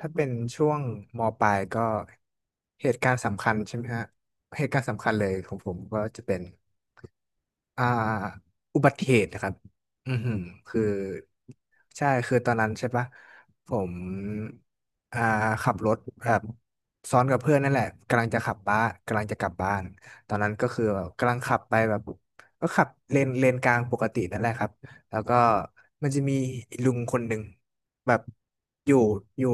ถ้าเป็นช่วงมปลายก็เหตุการณ์สำคัญใช่ไหมฮะเหตุการณ์สำคัญเลยของผมก็จะเป็นอ่าอุบัติเหตุนะครับอือหือคือ ใช่คือตอนนั้นใช่ปะผมอ่าขับรถแบบซ้อนกับเพื่อนนั่นแหละกำลังจะขับบ้านกำลังจะกลับบ้านตอนนั้นก็คือแบบกำลังขับไปแบบก็ขับเลนกลางปกตินั่นแหละครับแล้วก็มันจะมีลุงคนหนึ่งแบบอยู่อยู่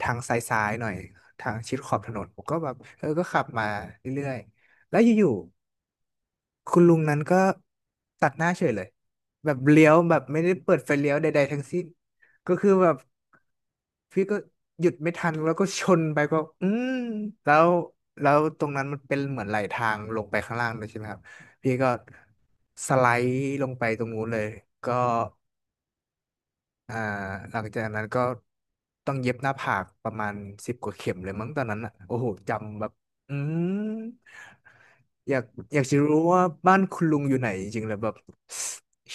ทางซ้ายๆหน่อยทางชิดขอบถนนผมก็แบบเออก็ขับมาเรื่อยๆแล้วอยู่ คุณลุงนั้นก็ตัดหน้าเฉยเลยแบบเลี้ยวแบบไม่ได้เปิดไฟเลี้ยวใดๆทั้งสิ้นก็คือแบบพี่ก็หยุดไม่ทันแล้วก็ชนไปก็อืมแล้วแล้วตรงนั้นมันเป็นเหมือนไหลทางลงไปข้างล่างเลยใช่ไหมครับพี่ก็สไลด์ลงไปตรงนู้นเลยก็ อ่าหลังจากนั้นก็ต้องเย็บหน้าผากประมาณสิบกว่าเข็มเลยมั้งตอนนั้นอ่ะโอ้โหจำแบบอืมอยากอยากจะรู้ว่าบ้านคุณลุงอยู่ไหนจริงๆแล้วแบบ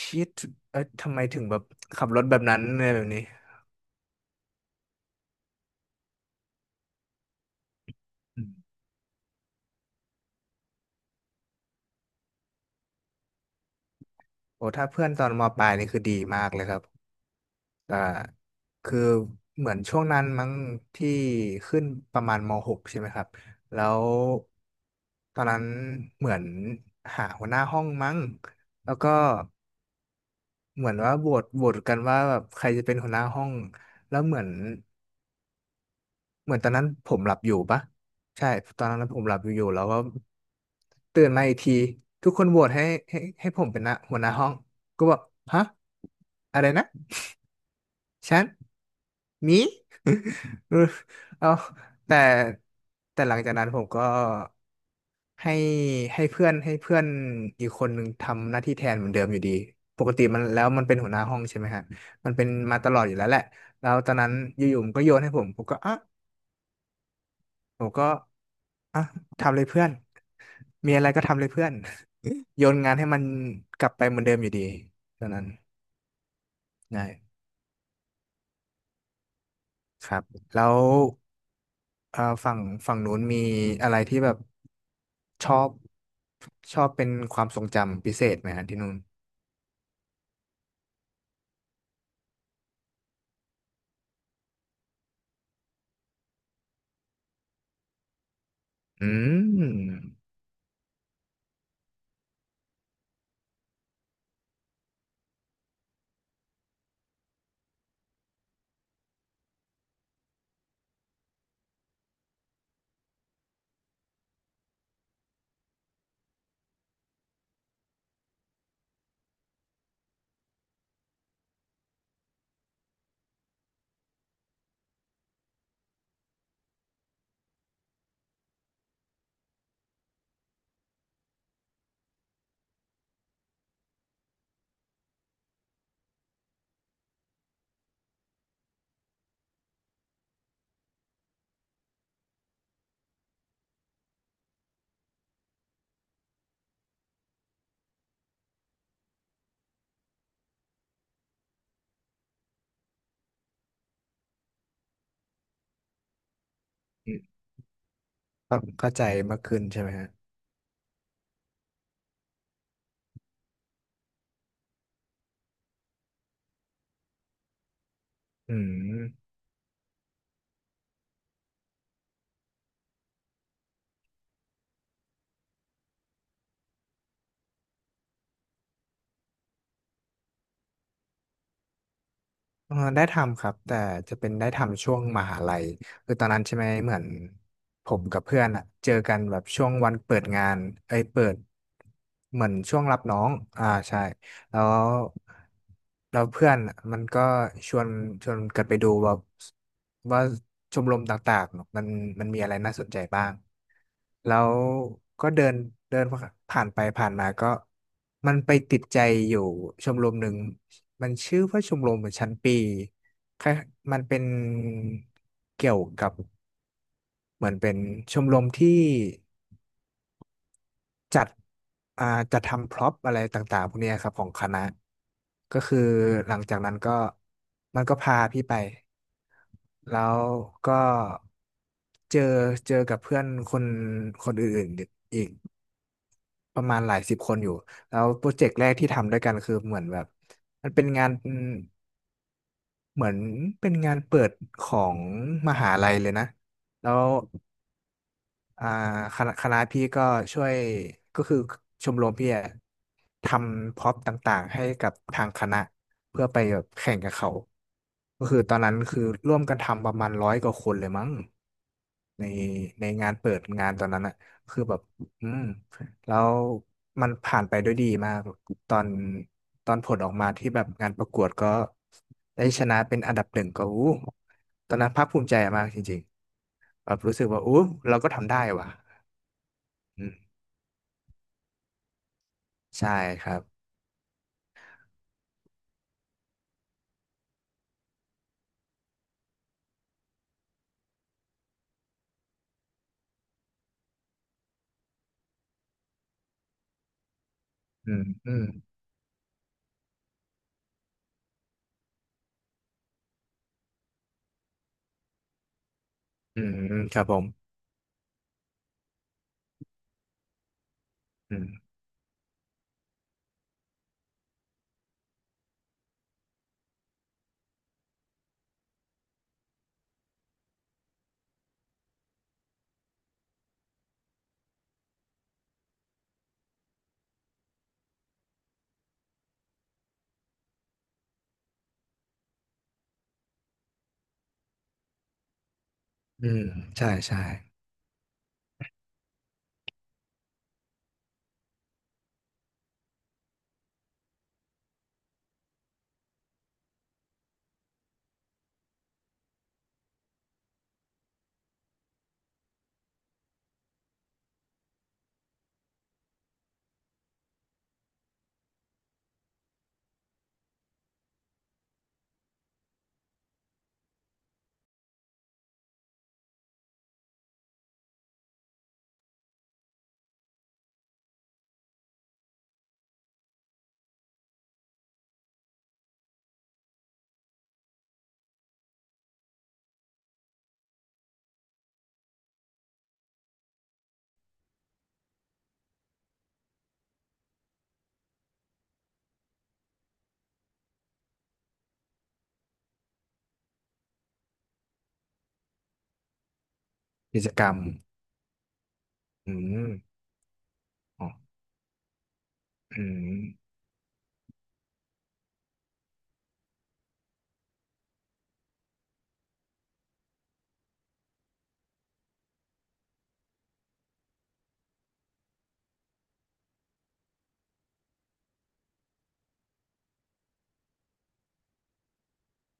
ชิดเอ้ยทำไมถึงแบบขับรถแบบนั้นอะไรแบบนี้อืมโอ้ถ้าเพื่อนตอนมปลายนี่คือดีมากเลยครับ แต่คือเหมือนช่วงนั้นมั้งที่ขึ้นประมาณมหกใช่ไหมครับแล้วตอนนั้นเหมือนหาหัวหน้าห้องมั้งแล้วก็เหมือนว่าโหวตกันว่าแบบใครจะเป็นหัวหน้าห้องแล้วเหมือนตอนนั้นผมหลับอยู่ปะใช่ตอนนั้นผมหลับอยู่แล้วก็ตื่นมาอีกทีทุกคนโหวตให้ผมเป็นนะหัวหน้าห้องก็บอกฮะอะไรนะฉัน มี เออเอาแต่หลังจากนั้นผมก็ให้ให้เพื่อนให้เพื่อนอีกคนหนึ่งทำหน้าที่แทนเหมือนเดิมอยู่ดีปกติมันแล้วมันเป็นหัวหน้าห้องใช่ไหมฮะมันเป็นมาตลอดอยู่แล้วแหละแล้วตอนนั้นอยู่ๆมันก็โยนให้ผมผมก็อ่ะผมก็อ่ะทำเลยเพื่อน มีอะไรก็ทำเลยเพื่อน โยนงานให้มันกลับไปเหมือนเดิมอยู่ดีตอนนั้นใช่ครับแล้ว อ่าฝั่งฝั่งนู้นมีอะไรที่แบบชอบชอบเป็นความทรงจำพิเศษไหมฮะที่นู่นอืมเข้าใจมากขึ้นใช่ไหมฮะอืมได้ทำครับแต่จะเป็นได้ทำช่วงมหาลัยคือตอนนั้นใช่ไหมเหมือนผมกับเพื่อนอะเจอกันแบบช่วงวันเปิดงานเอ้ยเปิดเหมือนช่วงรับน้องใช่ แล้วเราเพื่อนอะมันก็ชวนชวนกันไปดูว่าชมรมต่างๆเนอะมันมีอะไรน่าสนใจบ้างแล้วก็เดินเดินผ่านไปผ่านมาก็มันไปติดใจอยู่ชมรมหนึ่งมันชื่อว่าชมรมชั้นปีคล้ายมันเป็นเกี่ยวกับเหมือนเป็นชมรมที่ จัดอ่าจัดทำพร็อพอะไรต่างๆพวกเนี้ยครับของคณะก็คือหลังจากนั้นก็มันก็พาพี่ไปแล้วก็เจอเจอกับเพื่อนคนอื่นๆอีกประมาณหลายสิบคนอยู่แล้วโปรเจกต์แรกที่ทำด้วยกันคือเหมือนแบบมันเป็นงานเหมือนเป็นงานเปิดของมหาลัยเลยนะแล้ว อ่าคณะพี่ก็ช่วยก็คือชมรมพี่อะทำพร็อพต่างๆให้กับทางคณะเพื่อไปแบบแข่งกับเขาก็คือตอนนั้นคือร่วมกันทำประมาณร้อยกว่าคนเลยมั้งในในงานเปิดงานตอนนั้นอะคือแบบอืมแล้วมันผ่านไปด้วยดีมากตอนตอนผลออกมาที่แบบงานประกวดก็ได้ชนะเป็นอันดับหนึ่งก็อู้ตอนนั้นภาคภูมิใจมากจริงๆแบบรู้สึกว่าอู้เราก็ทำได้ว่ะ อืมใช่ครับอืมอืมอืมอืมครับผมอืมอืมใช่ใช่กิจกรรมอืมอ๋ออืม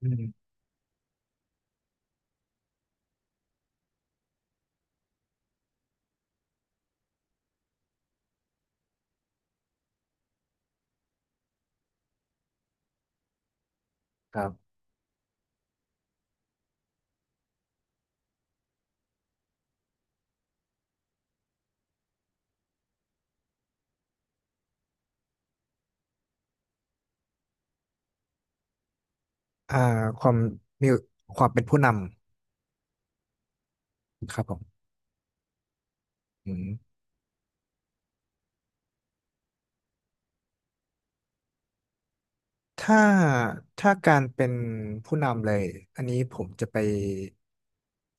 อืมครับอ่าความมีความเป็นผู้นำครับผมอืมถ้าถ้าการเป็นผู้นำเลย อันนี้ผมจะไป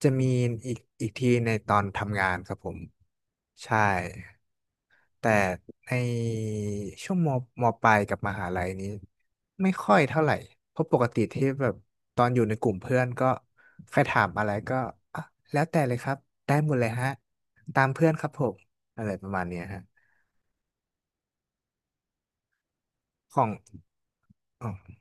จะมีอีกทีในตอนทำงานครับผมใช่ แต่ในช่วงมปลายกับมหาลัยนี้ไม่ค่อยเท่าไหร่เพราะปกติที่แบบตอนอยู่ในกลุ่มเพื่อนก็ใครถามอะไรก็อ่ะแล้วแต่เลยครับได้หมดเลยฮะตามเพื่อนครับผมอะไรประมาณเนี้ยฮะของอ๋อ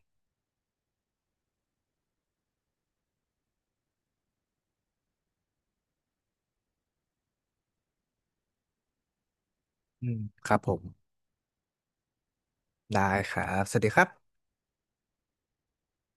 อืมครับผมได้ครับสวัสดีครับ